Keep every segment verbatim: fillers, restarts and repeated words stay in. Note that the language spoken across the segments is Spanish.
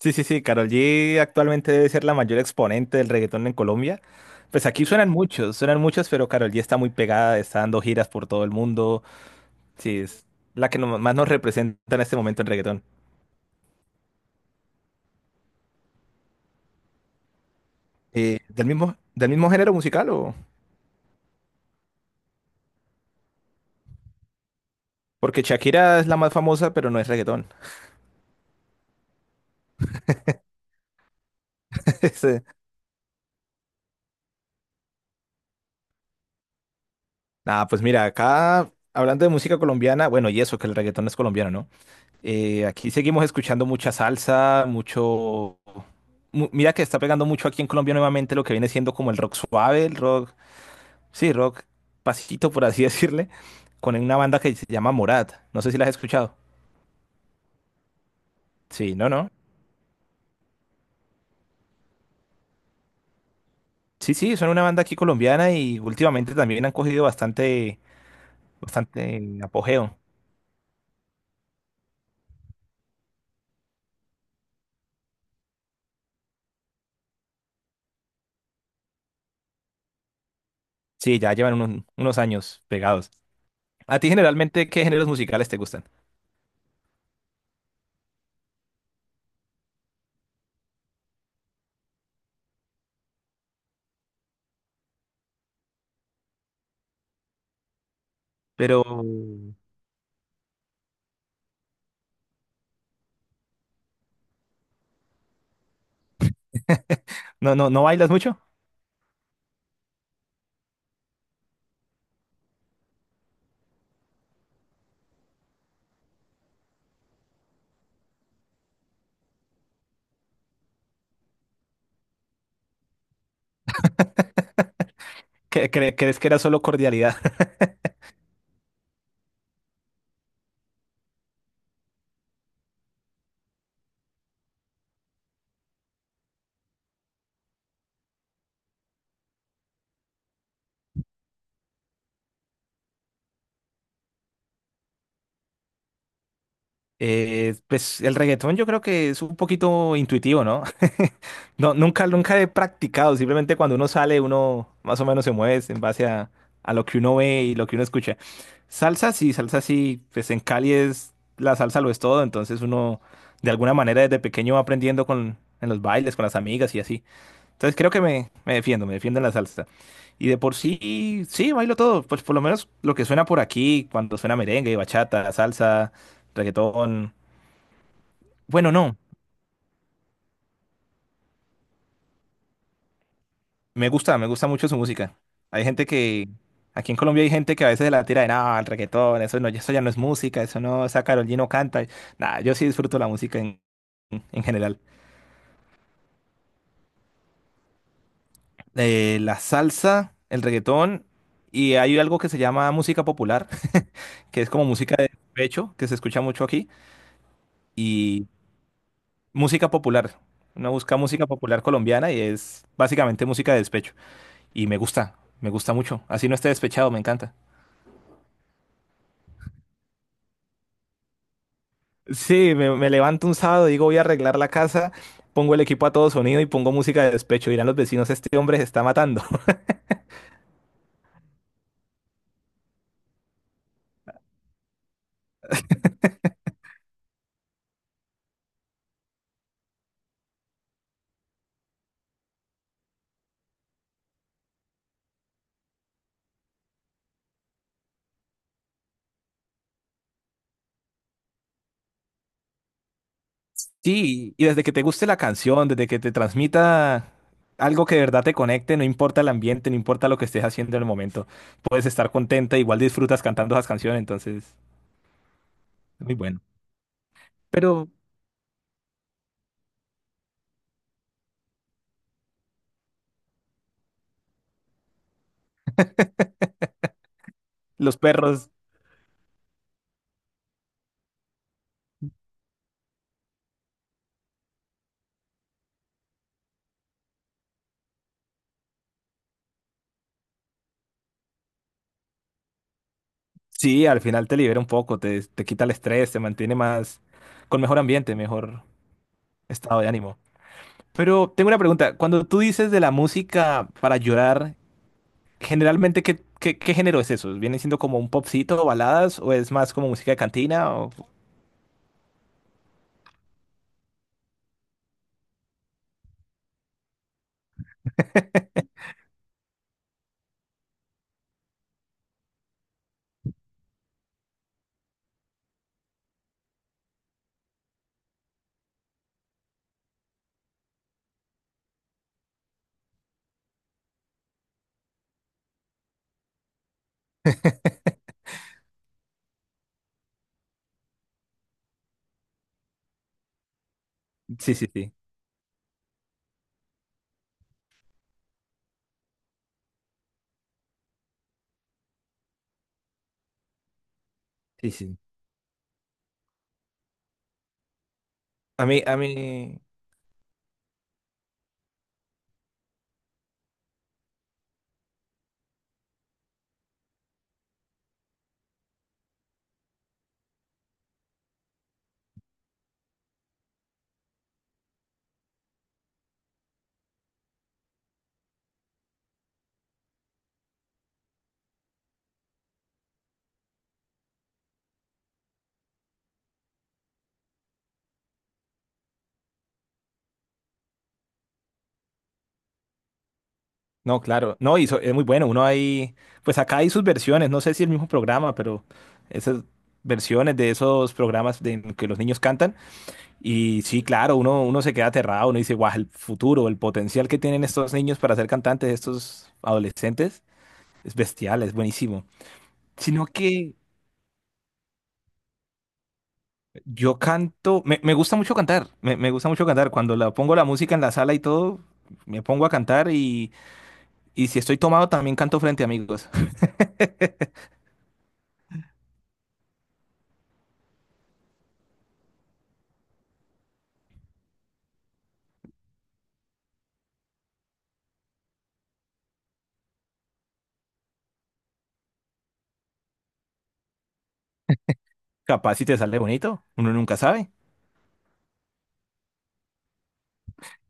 Sí, sí, sí, Karol G actualmente debe ser la mayor exponente del reggaetón en Colombia. Pues aquí suenan muchos, suenan muchos, pero Karol G está muy pegada, está dando giras por todo el mundo. Sí, es la que no- más nos representa en este momento en reggaetón. Eh, ¿del mismo, del mismo género musical o? Porque Shakira es la más famosa, pero no es reggaetón. Sí. Nada, pues mira, acá hablando de música colombiana, bueno, y eso, que el reggaetón es colombiano, ¿no? Eh, aquí seguimos escuchando mucha salsa, mucho... mu- mira que está pegando mucho aquí en Colombia nuevamente lo que viene siendo como el rock suave, el rock, sí, rock pasito por así decirle, con una banda que se llama Morat. No sé si la has escuchado. Sí, no, no. Sí, sí, son una banda aquí colombiana y últimamente también han cogido bastante, bastante apogeo. Sí, ya llevan unos, unos años pegados. ¿A ti generalmente qué géneros musicales te gustan? Pero... No, no, ¿no bailas mucho? ¿Cre- cre- ¿Crees que era solo cordialidad? Eh, pues el reggaetón yo creo que es un poquito intuitivo, ¿no? No, nunca, nunca he practicado, simplemente cuando uno sale, uno más o menos se mueve en base a, a lo que uno ve y lo que uno escucha. Salsa sí, salsa sí, pues en Cali es, la salsa lo es todo, entonces uno de alguna manera desde pequeño va aprendiendo con, en los bailes, con las amigas y así. Entonces creo que me, me defiendo, me defiendo en la salsa. Y de por sí, sí, bailo todo, pues por lo menos lo que suena por aquí, cuando suena merengue, bachata, salsa, reggaetón. Bueno, no, me gusta, me gusta mucho su música. Hay gente que, aquí en Colombia hay gente que a veces se la tira de nada, el reggaetón, eso no, eso ya no es música, eso no, esa Karol G no canta. Nada, yo sí disfruto la música en, en general. Eh, la salsa, el reggaetón, y hay algo que se llama música popular, que es como música de pecho, que se escucha mucho aquí, y música popular. Uno busca música popular colombiana y es básicamente música de despecho. Y me gusta, me gusta mucho. Así no esté despechado, me encanta. Sí, me, me levanto un sábado, digo voy a arreglar la casa, pongo el equipo a todo sonido y pongo música de despecho. Dirán los vecinos, este hombre se está matando. Sí, y desde que te guste la canción, desde que te transmita algo que de verdad te conecte, no importa el ambiente, no importa lo que estés haciendo en el momento, puedes estar contenta, igual disfrutas cantando esas canciones, entonces es muy bueno. Pero los perros, sí, al final te libera un poco, te, te quita el estrés, te mantiene más, con mejor ambiente, mejor estado de ánimo. Pero tengo una pregunta. Cuando tú dices de la música para llorar, generalmente, ¿qué, qué, qué género es eso? ¿Viene siendo como un popcito o baladas o es más como música de cantina? O- Sí, sí, sí. Sí, sí. A mí, a mí, no, claro, no, y so- es muy bueno, uno hay, pues acá hay sus versiones, no sé si el mismo programa, pero esas versiones de esos programas de, en que los niños cantan, y sí, claro, uno, uno se queda aterrado, uno dice, guau, el futuro, el potencial que tienen estos niños para ser cantantes, estos adolescentes, es bestial, es buenísimo. Sino que yo canto, me, me gusta mucho cantar, me, me gusta mucho cantar. Cuando la pongo la música en la sala y todo, me pongo a cantar y, y si estoy tomado también canto frente a amigos. Capaz si te sale bonito, uno nunca sabe.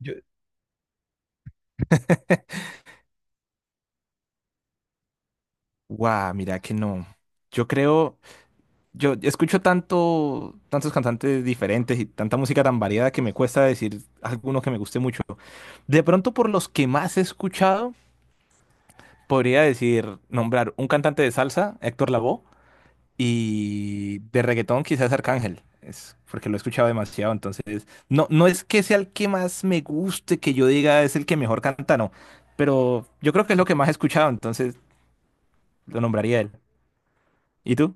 Yo- Guau, mira que no. Yo creo, yo escucho tanto, tantos cantantes diferentes y tanta música tan variada que me cuesta decir alguno que me guste mucho. De pronto, por los que más he escuchado, podría decir, nombrar un cantante de salsa, Héctor Lavoe. Y de reggaetón quizás Arcángel, es porque lo he escuchado demasiado, entonces no, no es que sea el que más me guste, que yo diga es el que mejor canta, no, pero yo creo que es lo que más he escuchado, entonces lo nombraría él. ¿Y tú?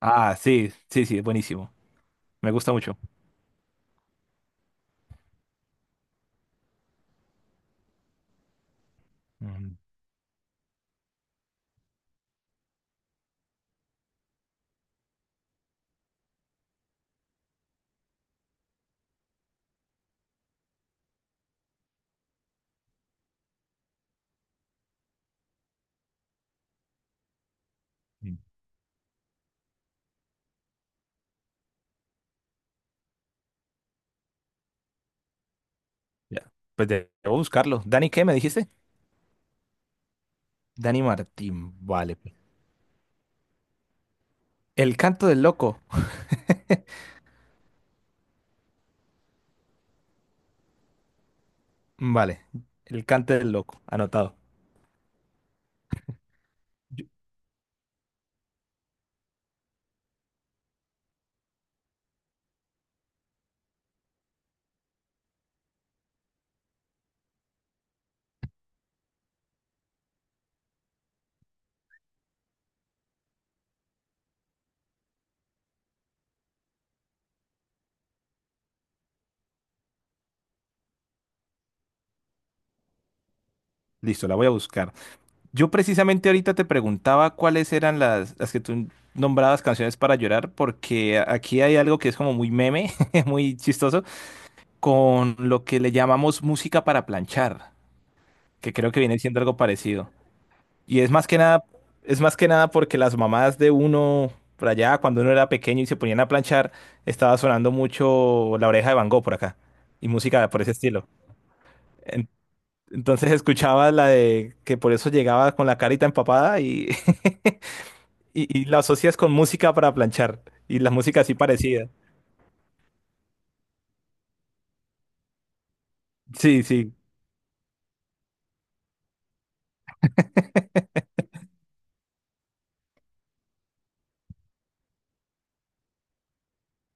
Ah, sí, sí, sí, es buenísimo, me gusta mucho. Ujú. Ya. Pues de- debo buscarlo. ¿Dani qué me dijiste? Dani Martín. Vale, pues. El canto del loco. Vale, el canto del loco, anotado. Yo- Listo, la voy a buscar. Yo precisamente ahorita te preguntaba cuáles eran las, las que tú nombrabas canciones para llorar, porque a- aquí hay algo que es como muy meme, muy chistoso, con lo que le llamamos música para planchar, que creo que viene siendo algo parecido. Y es más que nada, es más que nada porque las mamás de uno, por allá, cuando uno era pequeño y se ponían a planchar, estaba sonando mucho La Oreja de Van Gogh por acá, y música por ese estilo. En- Entonces escuchaba la de que por eso llegaba con la carita empapada y... Y, y la asocias con música para planchar. Y la música así parecida. Sí, sí.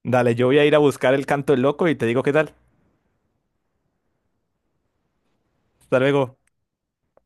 Dale, yo voy a ir a buscar el canto del loco y te digo qué tal. Hasta luego.